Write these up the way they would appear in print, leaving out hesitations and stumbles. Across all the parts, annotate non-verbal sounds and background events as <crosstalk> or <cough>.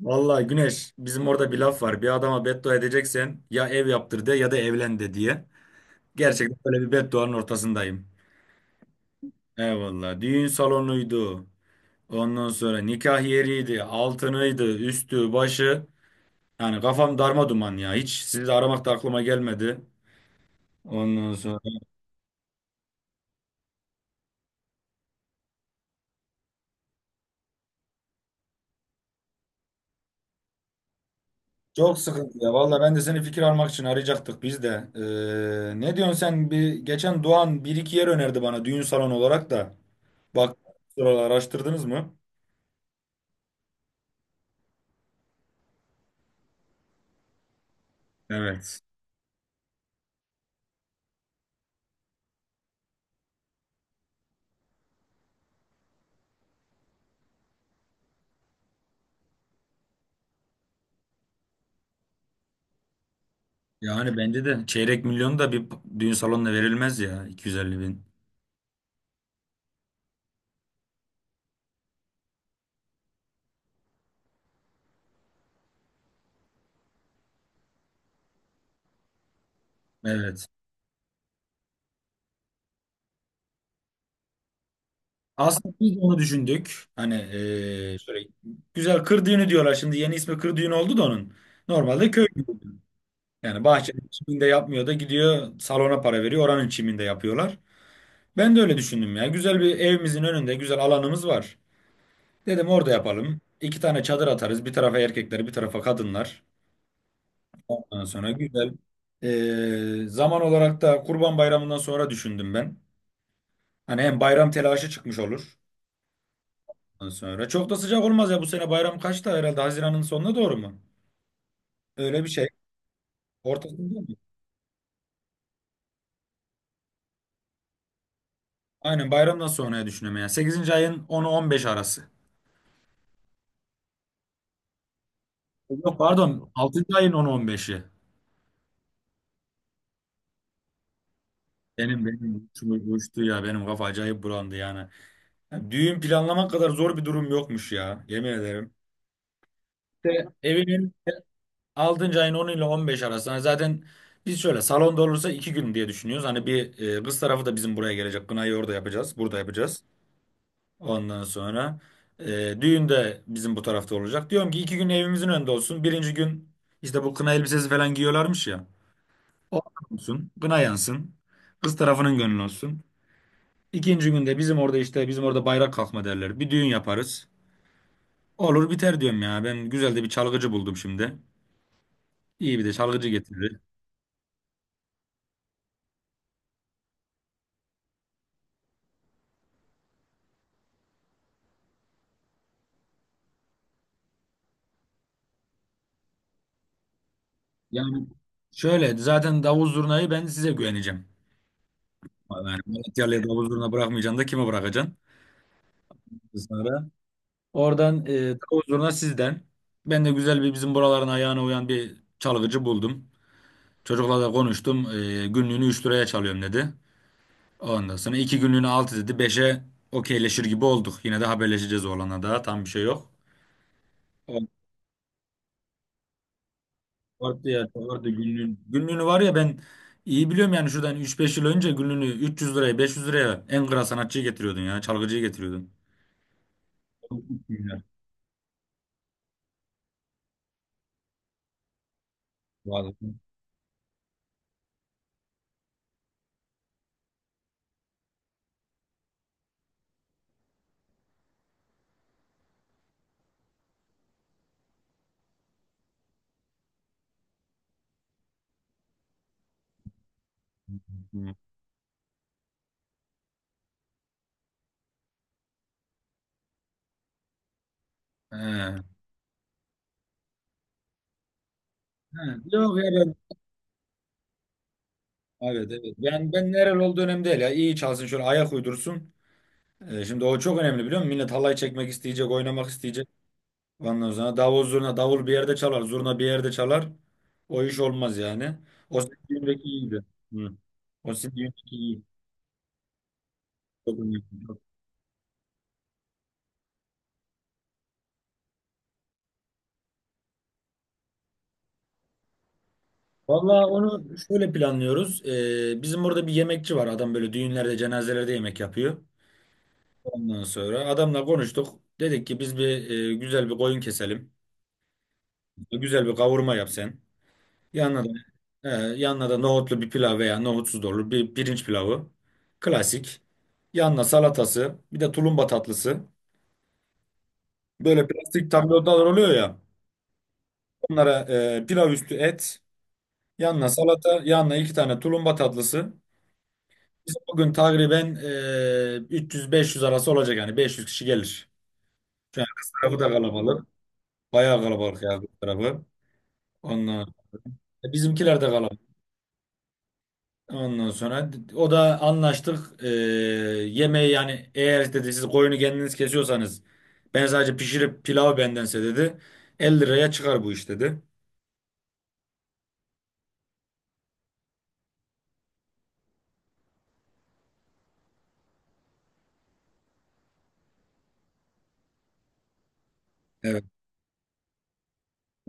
Vallahi Güneş, bizim orada bir laf var. Bir adama beddua edeceksen, ya ev yaptır de ya da evlen de, diye. Gerçekten böyle bir bedduanın ortasındayım. Eyvallah. Düğün salonuydu. Ondan sonra nikah yeriydi. Altınıydı. Üstü, başı. Yani kafam darma duman ya. Hiç sizi de aramak da aklıma gelmedi. Ondan sonra. Çok sıkıntı ya. Vallahi ben de seni fikir almak için arayacaktık biz de. Ne diyorsun sen? Bir, geçen Doğan bir iki yer önerdi bana düğün salonu olarak da. Bak. Sıralar araştırdınız mı? Evet. Yani bence de çeyrek milyon da bir düğün salonuna verilmez ya, 250 bin. Evet. Aslında biz de onu düşündük. Hani şöyle güzel kır düğünü diyorlar şimdi, yeni ismi kır düğünü oldu da onun. Normalde köy düğünü. Yani bahçenin çiminde yapmıyor da gidiyor salona para veriyor, oranın çiminde yapıyorlar. Ben de öyle düşündüm ya. Güzel bir evimizin önünde güzel alanımız var. Dedim orada yapalım. İki tane çadır atarız. Bir tarafa erkekler, bir tarafa kadınlar. Ondan sonra güzel. Zaman olarak da Kurban Bayramı'ndan sonra düşündüm ben. Hani hem bayram telaşı çıkmış olur. Ondan sonra çok da sıcak olmaz ya. Bu sene bayram kaçta, herhalde Haziran'ın sonuna doğru mu? Öyle bir şey. Ortasında mı? Aynen, bayramdan sonraya düşünüyorum yani. Sekizinci ayın onu, 15 arası. Yok pardon, altıncı ayın onu, on beşi. Benim uçtu uçtu ya, benim kafa acayip bulandı yani. Yani düğün planlamak kadar zor bir durum yokmuş ya, yemin ederim. İşte evin 6. ayın 10 ile 15 arası. Hani zaten biz şöyle, salonda olursa 2 gün diye düşünüyoruz. Hani bir kız tarafı da bizim buraya gelecek. Kınayı orada yapacağız. Burada yapacağız. Ondan sonra düğün de bizim bu tarafta olacak. Diyorum ki 2 gün evimizin önünde olsun. Birinci gün işte bu kına elbisesi falan giyiyorlarmış ya. O olsun. Kına yansın. Kız tarafının gönlü olsun. İkinci günde bizim orada işte bizim orada bayrak kalkma derler. Bir düğün yaparız. Olur biter diyorum ya. Ben güzel de bir çalgıcı buldum şimdi. İyi bir de çalgıcı getiririz. Yani şöyle, zaten davul zurnayı ben size güveneceğim. Yani Malatyalı'ya davul zurna bırakmayacaksın da kime bırakacaksın? Sonra. Oradan davul zurna sizden. Ben de güzel, bir bizim buraların ayağına uyan bir çalgıcı buldum. Çocukla da konuştum. Günlüğünü 3 liraya çalıyorum dedi. Ondan sonra 2 günlüğünü 6 dedi. Beşe okeyleşir gibi olduk. Yine de haberleşeceğiz oğlana daha. Tam bir şey yok. Vardı ya, vardı günlüğün. Günlüğünü var ya, ben iyi biliyorum yani, şuradan üç beş yıl önce günlüğünü 300 liraya, 500 liraya en kral sanatçıyı getiriyordun ya, çalgıcıyı getiriyordun. Çok güzel. Vallahi. Hı. He. He. Yok ya, ben, evet evet, ben nerel olduğu önemli değil ya, iyi çalsın, şöyle ayak uydursun. Şimdi o çok önemli, biliyor musun? Millet halay çekmek isteyecek, oynamak isteyecek. Ondan sonra davul zurna, davul bir yerde çalar, zurna bir yerde çalar. O iş olmaz yani. O sizin düğündeki iyiydi. Hı. O sizin düğündeki iyiydi. Çok önemli. Vallahi onu şöyle planlıyoruz. Bizim burada bir yemekçi var. Adam böyle düğünlerde, cenazelerde yemek yapıyor. Ondan sonra adamla konuştuk. Dedik ki biz bir güzel bir koyun keselim. Güzel bir kavurma yap sen. Yanına yanına da nohutlu bir pilav veya nohutsuz da olur. Bir pirinç pilavı. Klasik. Yanına salatası. Bir de tulumba tatlısı. Böyle plastik tablolar oluyor ya. Onlara pilav üstü et. Yanına salata. Yanına iki tane tulumba tatlısı. Biz bugün takriben 300-500 arası olacak, yani 500 kişi gelir. Şu an kız tarafı da kalabalık. Bayağı kalabalık ya kız tarafı. Ondan, bizimkiler de kalabalık. Ondan sonra o da anlaştık. Yemeği yani, eğer dedi siz koyunu kendiniz kesiyorsanız ben sadece pişirip pilav bendense dedi, 50 liraya çıkar bu iş dedi. Evet.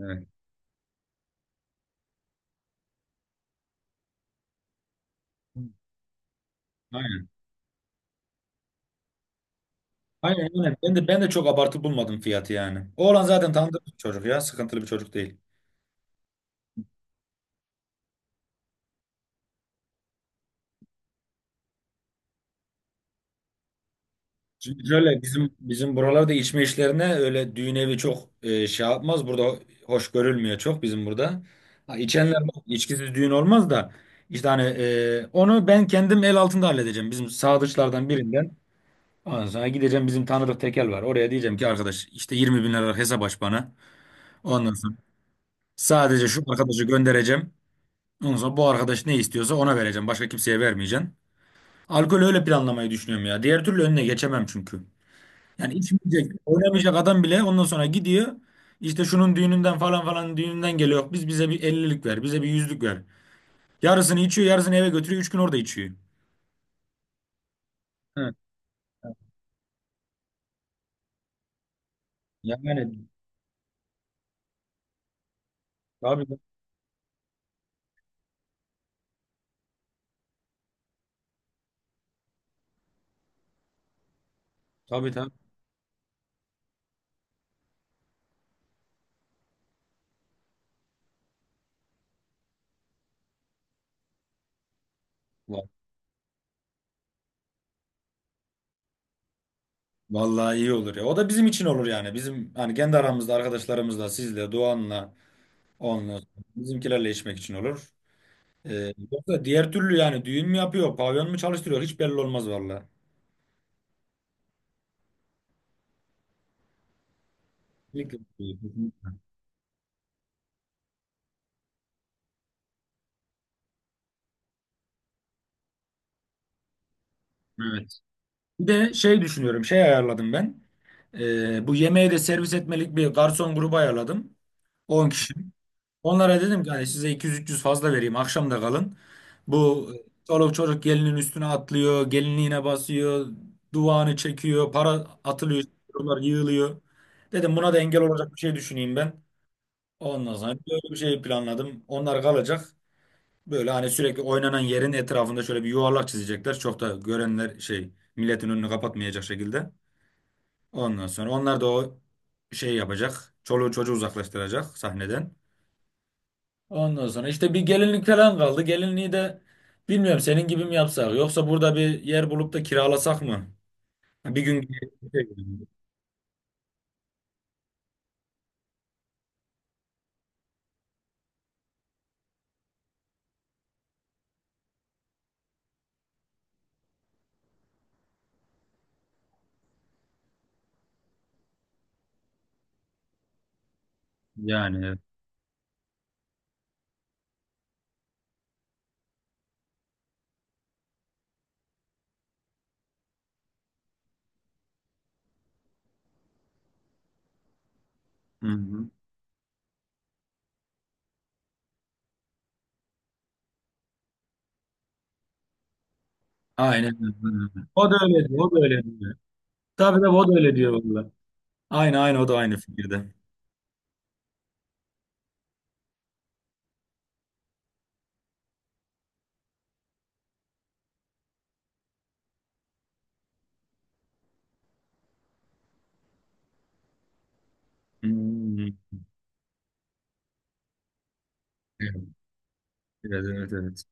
Evet. Aynen. Aynen aynen. Ben de çok abartı bulmadım fiyatı yani. Oğlan zaten tanıdık bir çocuk ya. Sıkıntılı bir çocuk değil. Şimdi şöyle, bizim buralarda içme işlerine öyle düğün evi çok şey yapmaz. Burada hoş görülmüyor çok, bizim burada. Ha, içenler, bak, içkisiz düğün olmaz da, işte hani onu ben kendim el altında halledeceğim. Bizim sadıçlardan birinden. Ondan sonra gideceğim, bizim tanıdık tekel var. Oraya diyeceğim ki, arkadaş işte 20 bin lira hesap aç bana. Ondan sonra sadece şu arkadaşı göndereceğim. Ondan sonra bu arkadaş ne istiyorsa ona vereceğim. Başka kimseye vermeyeceğim. Alkol öyle planlamayı düşünüyorum ya. Diğer türlü önüne geçemem çünkü. Yani içmeyecek, oynamayacak adam bile ondan sonra gidiyor. İşte şunun düğününden, falan falan düğününden geliyor. Biz bize bir ellilik ver, bize bir yüzlük ver. Yarısını içiyor, yarısını eve götürüyor. 3 gün orada içiyor. Hı. Yani tabii tabii tabii. Ulan, vallahi iyi olur ya. O da bizim için olur yani. Bizim hani kendi aramızda arkadaşlarımızla, sizle, Doğan'la, onunla, bizimkilerle içmek için olur. Yoksa diğer türlü yani, düğün mü yapıyor, pavyon mu çalıştırıyor hiç belli olmaz vallahi. Kesinlikle. Evet. Bir de şey düşünüyorum, şey ayarladım ben. Bu yemeği de servis etmelik bir garson grubu ayarladım. 10 kişi. Onlara dedim ki, hani size 200-300 fazla vereyim, akşam da kalın. Bu çoluk çocuk gelinin üstüne atlıyor, gelinliğine basıyor, duvağını çekiyor, para atılıyor, çocuklar yığılıyor. Dedim, buna da engel olacak bir şey düşüneyim ben. Ondan sonra böyle bir şey planladım. Onlar kalacak. Böyle hani sürekli oynanan yerin etrafında şöyle bir yuvarlak çizecekler. Çok da görenler, şey, milletin önünü kapatmayacak şekilde. Ondan sonra onlar da o şey yapacak. Çoluğu çocuğu uzaklaştıracak sahneden. Ondan sonra işte bir gelinlik falan kaldı. Gelinliği de bilmiyorum, senin gibi mi yapsak, yoksa burada bir yer bulup da kiralasak mı? Bir gün <laughs> yani. Evet. Hı hı. Aynen öyle. O da öyle diyor. O da öyle diyor. Tabii de o da öyle diyor valla. Aynı aynı o da aynı fikirde. Hmm. Evet evet evet. Evet.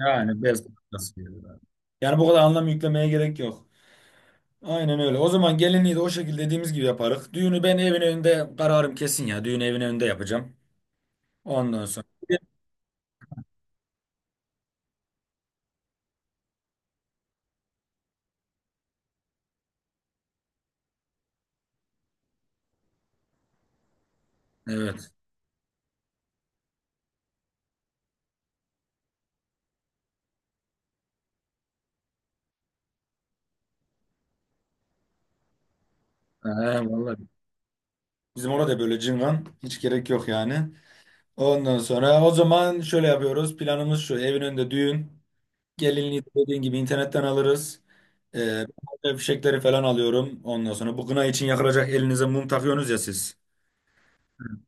Yani bez parçası diyorlar. Yani bu kadar anlam yüklemeye gerek yok. Aynen öyle. O zaman gelinliği de o şekilde dediğimiz gibi yaparız. Düğünü ben evin önünde kararım kesin ya. Düğünü evin önünde yapacağım. Ondan sonra. Evet. He, vallahi. Bizim orada böyle cıngan. Hiç gerek yok yani. Ondan sonra o zaman şöyle yapıyoruz. Planımız şu. Evin önünde düğün. Gelinliği de dediğin gibi internetten alırız. Ee, Ben fişekleri falan alıyorum. Ondan sonra bu kına için yakılacak elinize mum takıyorsunuz ya siz.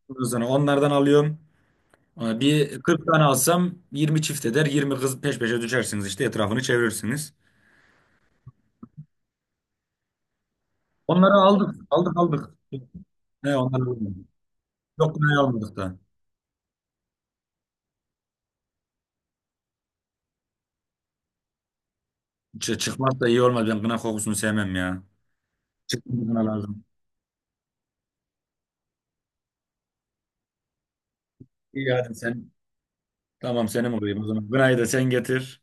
Ondan sonra onlardan alıyorum. Bir 40 tane alsam 20 çift eder. 20 kız peş peşe düşersiniz işte, etrafını çevirirsiniz. Onları aldık, aldık, aldık. Ne onları almadık. Yok, kınayı almadık da. Çıkmaz da iyi olmaz. Ben kına kokusunu sevmem ya. Çıkmaz kına lazım. İyi hadi sen. Tamam, senin olayım o zaman. Kınayı da sen getir.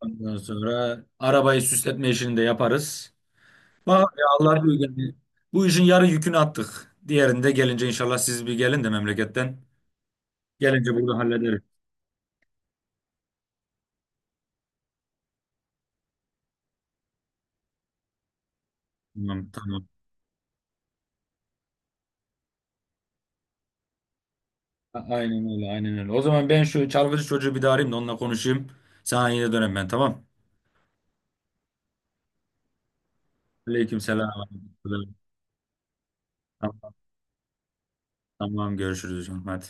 Ondan sonra arabayı süsletme işini de yaparız. Bak ya, Allah büyük, yani. Bu işin yarı yükünü attık. Diğerinde gelince inşallah siz bir gelin de memleketten. Gelince bunu hallederiz. Tamam, tamam. Aynen öyle, aynen öyle. O zaman ben şu çalgıcı çocuğu bir daha arayayım da onunla konuşayım. Sana yine dönem ben, tamam. Aleyküm selam. Tamam, tamam, görüşürüz hocam. Hadi.